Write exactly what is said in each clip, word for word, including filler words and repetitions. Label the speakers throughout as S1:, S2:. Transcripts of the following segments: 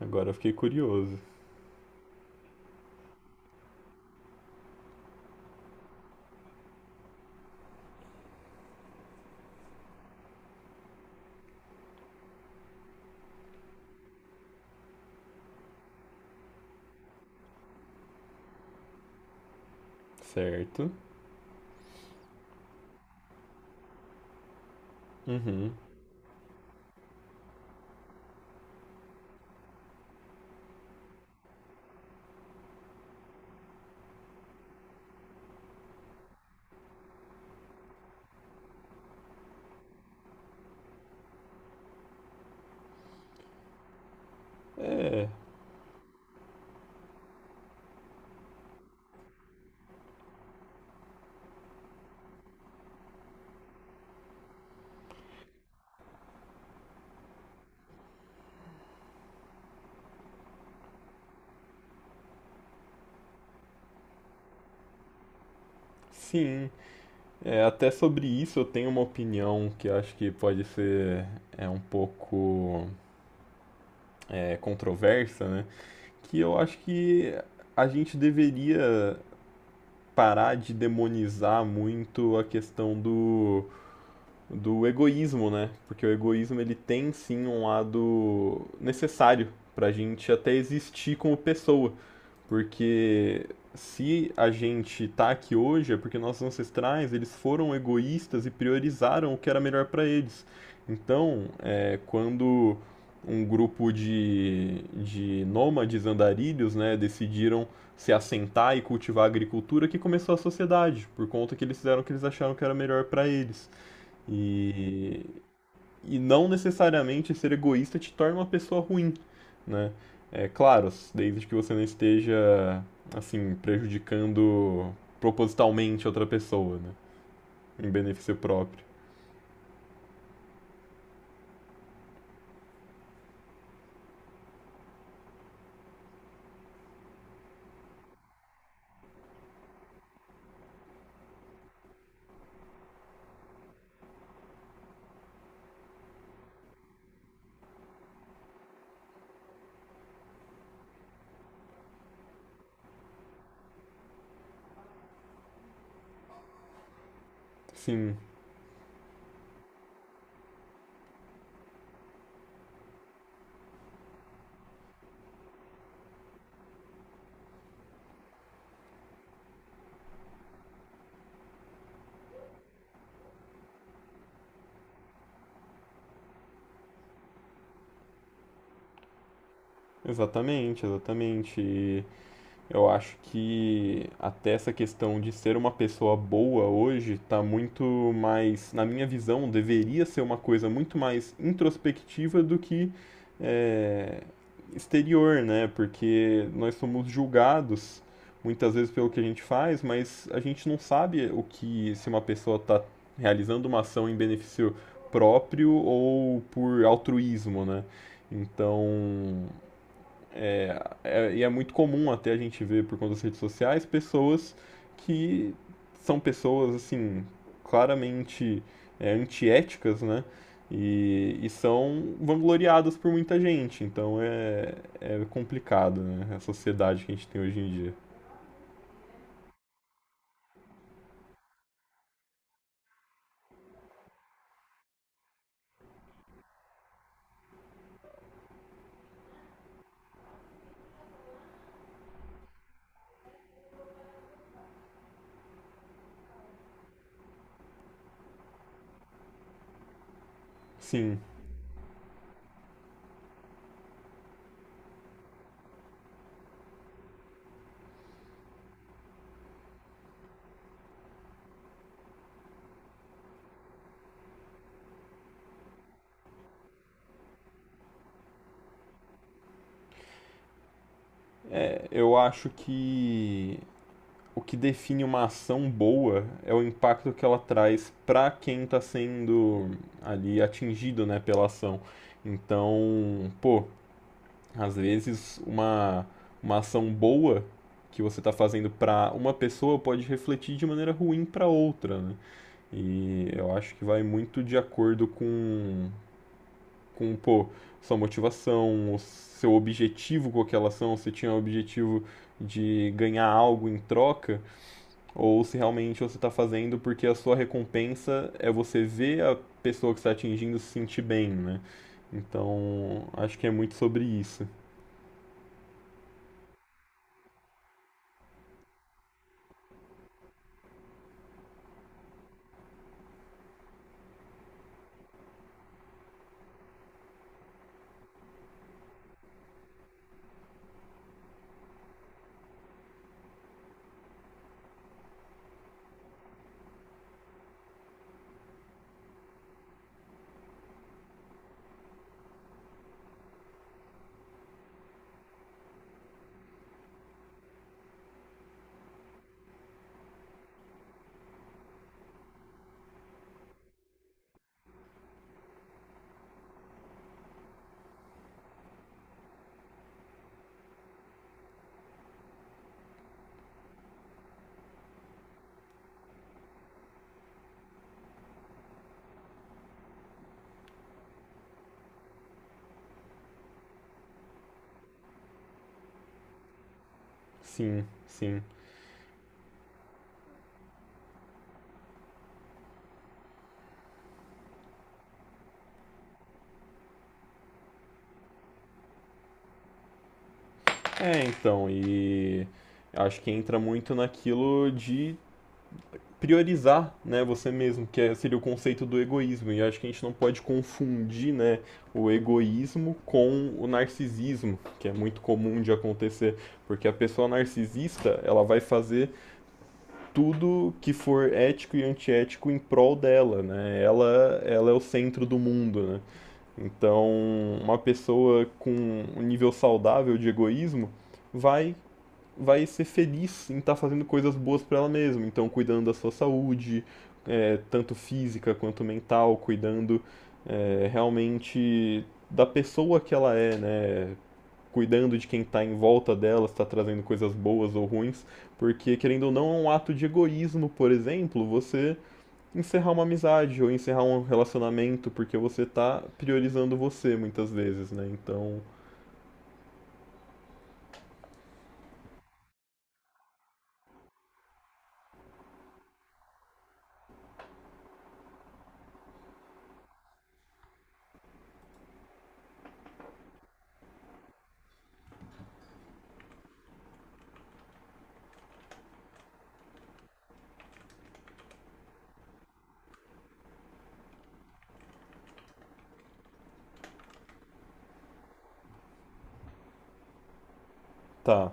S1: Agora eu fiquei curioso. Certo. Uhum. É, sim. É, até sobre isso eu tenho uma opinião que eu acho que pode ser é, um pouco é, controversa, né? Que eu acho que a gente deveria parar de demonizar muito a questão do, do egoísmo, né? Porque o egoísmo ele tem sim um lado necessário pra gente até existir como pessoa. Porque se a gente tá aqui hoje é porque nossos ancestrais, eles foram egoístas e priorizaram o que era melhor para eles. Então, é, quando um grupo de, de nômades andarilhos, né, decidiram se assentar e cultivar a agricultura que começou a sociedade, por conta que eles fizeram o que eles acharam que era melhor para eles. E e não necessariamente ser egoísta te torna uma pessoa ruim, né? É claro, desde que você não esteja assim prejudicando propositalmente outra pessoa, né? Em benefício próprio. Sim, exatamente, exatamente. E eu acho que até essa questão de ser uma pessoa boa hoje está muito mais, na minha visão, deveria ser uma coisa muito mais introspectiva do que é, exterior, né? Porque nós somos julgados muitas vezes pelo que a gente faz, mas a gente não sabe o que se uma pessoa está realizando uma ação em benefício próprio ou por altruísmo, né? Então, e é muito comum até a gente ver por conta das redes sociais pessoas que são pessoas assim claramente é, antiéticas, né? E, e são vangloriadas por muita gente. Então é, é complicado, né? A sociedade que a gente tem hoje em dia. Sim, é, eu acho que o que define uma ação boa é o impacto que ela traz para quem está sendo ali atingido, né, pela ação. Então, pô, às vezes, uma, uma ação boa que você está fazendo para uma pessoa pode refletir de maneira ruim para outra, né? E eu acho que vai muito de acordo com, com pô, sua motivação, o seu objetivo com aquela ação, se tinha o objetivo de ganhar algo em troca, ou se realmente você está fazendo porque a sua recompensa é você ver a pessoa que está atingindo se sentir bem, né? Então, acho que é muito sobre isso. Sim, sim. É, então, e acho que entra muito naquilo de priorizar, né, você mesmo, que é- seria o conceito do egoísmo. E acho que a gente não pode confundir, né, o egoísmo com o narcisismo, que é muito comum de acontecer, porque a pessoa narcisista, ela vai fazer tudo que for ético e antiético em prol dela, né? Ela, ela é o centro do mundo, né? Então, uma pessoa com um nível saudável de egoísmo vai vai ser feliz em estar tá fazendo coisas boas para ela mesma. Então, cuidando da sua saúde, é, tanto física quanto mental, cuidando é, realmente da pessoa que ela é, né? Cuidando de quem está em volta dela, se está trazendo coisas boas ou ruins, porque querendo ou não, é um ato de egoísmo, por exemplo, você encerrar uma amizade ou encerrar um relacionamento porque você está priorizando você muitas vezes, né? Então, tá,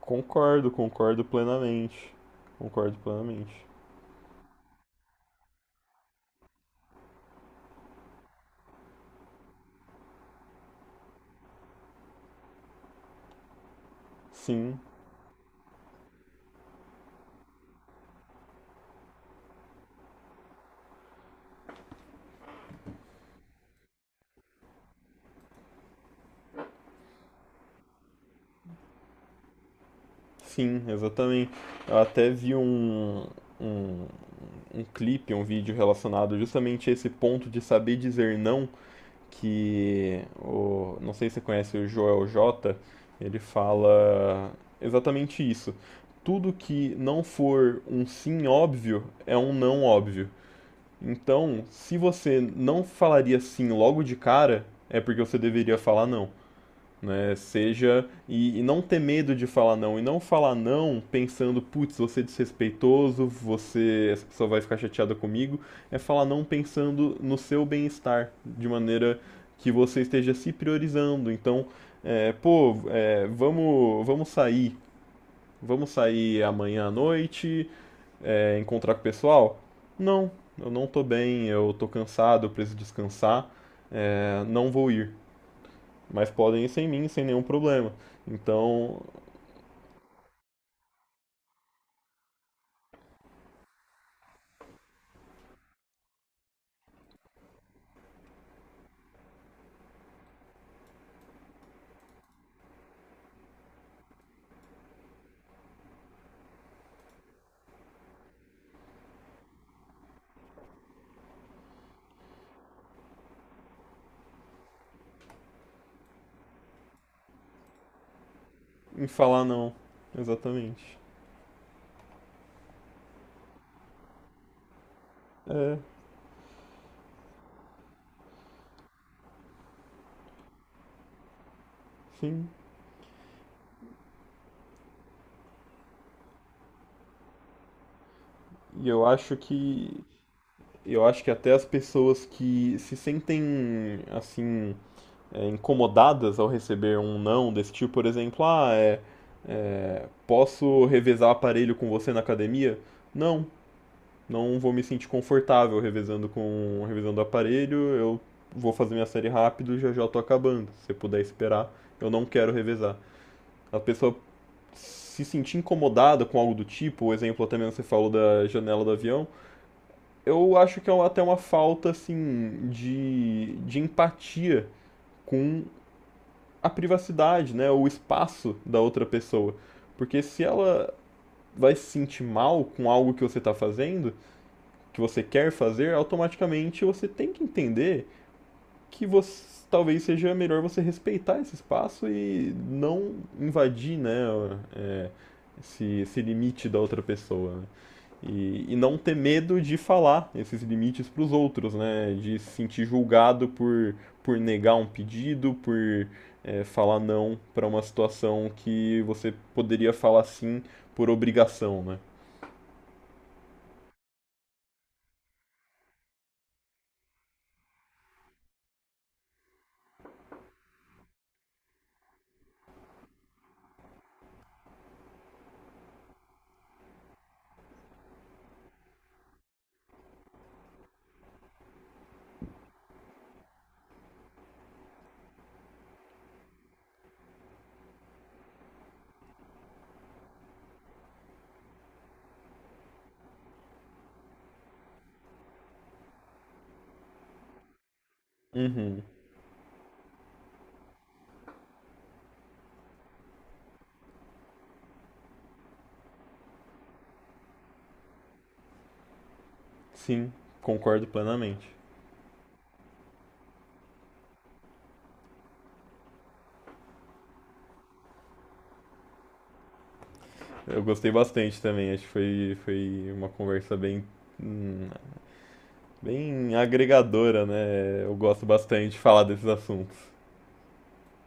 S1: concordo, concordo plenamente. Concordo plenamente. Sim, sim, exatamente. Eu até vi um, um, um clipe, um vídeo relacionado justamente a esse ponto de saber dizer não, que o, não sei se você conhece o Joel J, ele fala exatamente isso. Tudo que não for um sim óbvio é um não óbvio. Então, se você não falaria sim logo de cara, é porque você deveria falar não. Né? Seja e, e não ter medo de falar não e não falar não pensando, putz, você é desrespeitoso, você essa pessoa vai ficar chateada comigo, é falar não pensando no seu bem-estar, de maneira que você esteja se priorizando. Então, é, pô, é, vamos, vamos sair, vamos sair amanhã à noite, é, encontrar com o pessoal? Não, eu não tô bem, eu tô cansado, eu preciso descansar, é, não vou ir mas podem ir sem mim, sem nenhum problema. Então, em falar não, exatamente. É, sim. E eu acho que eu acho que até as pessoas que se sentem assim é, incomodadas ao receber um não desse tipo, por exemplo, ah, é, posso revezar aparelho com você na academia? Não, não vou me sentir confortável revezando com revezando aparelho. Eu vou fazer minha série rápido, já já eu tô acabando. Se você puder esperar, eu não quero revezar. A pessoa se sentir incomodada com algo do tipo, o exemplo até mesmo que você falou da janela do avião, eu acho que é até uma falta assim de, de empatia com a privacidade, né, o espaço da outra pessoa. Porque se ela vai se sentir mal com algo que você está fazendo, que você quer fazer, automaticamente você tem que entender que você talvez seja melhor você respeitar esse espaço e não invadir, né, é, esse, esse limite da outra pessoa. Né? E, e não ter medo de falar esses limites para os outros, né? De se sentir julgado por, por negar um pedido, por é, falar não para uma situação que você poderia falar sim por obrigação, né? Uhum, sim, concordo plenamente. Eu gostei bastante também, acho que foi, foi uma conversa bem, hum, bem agregadora, né? Eu gosto bastante de falar desses assuntos.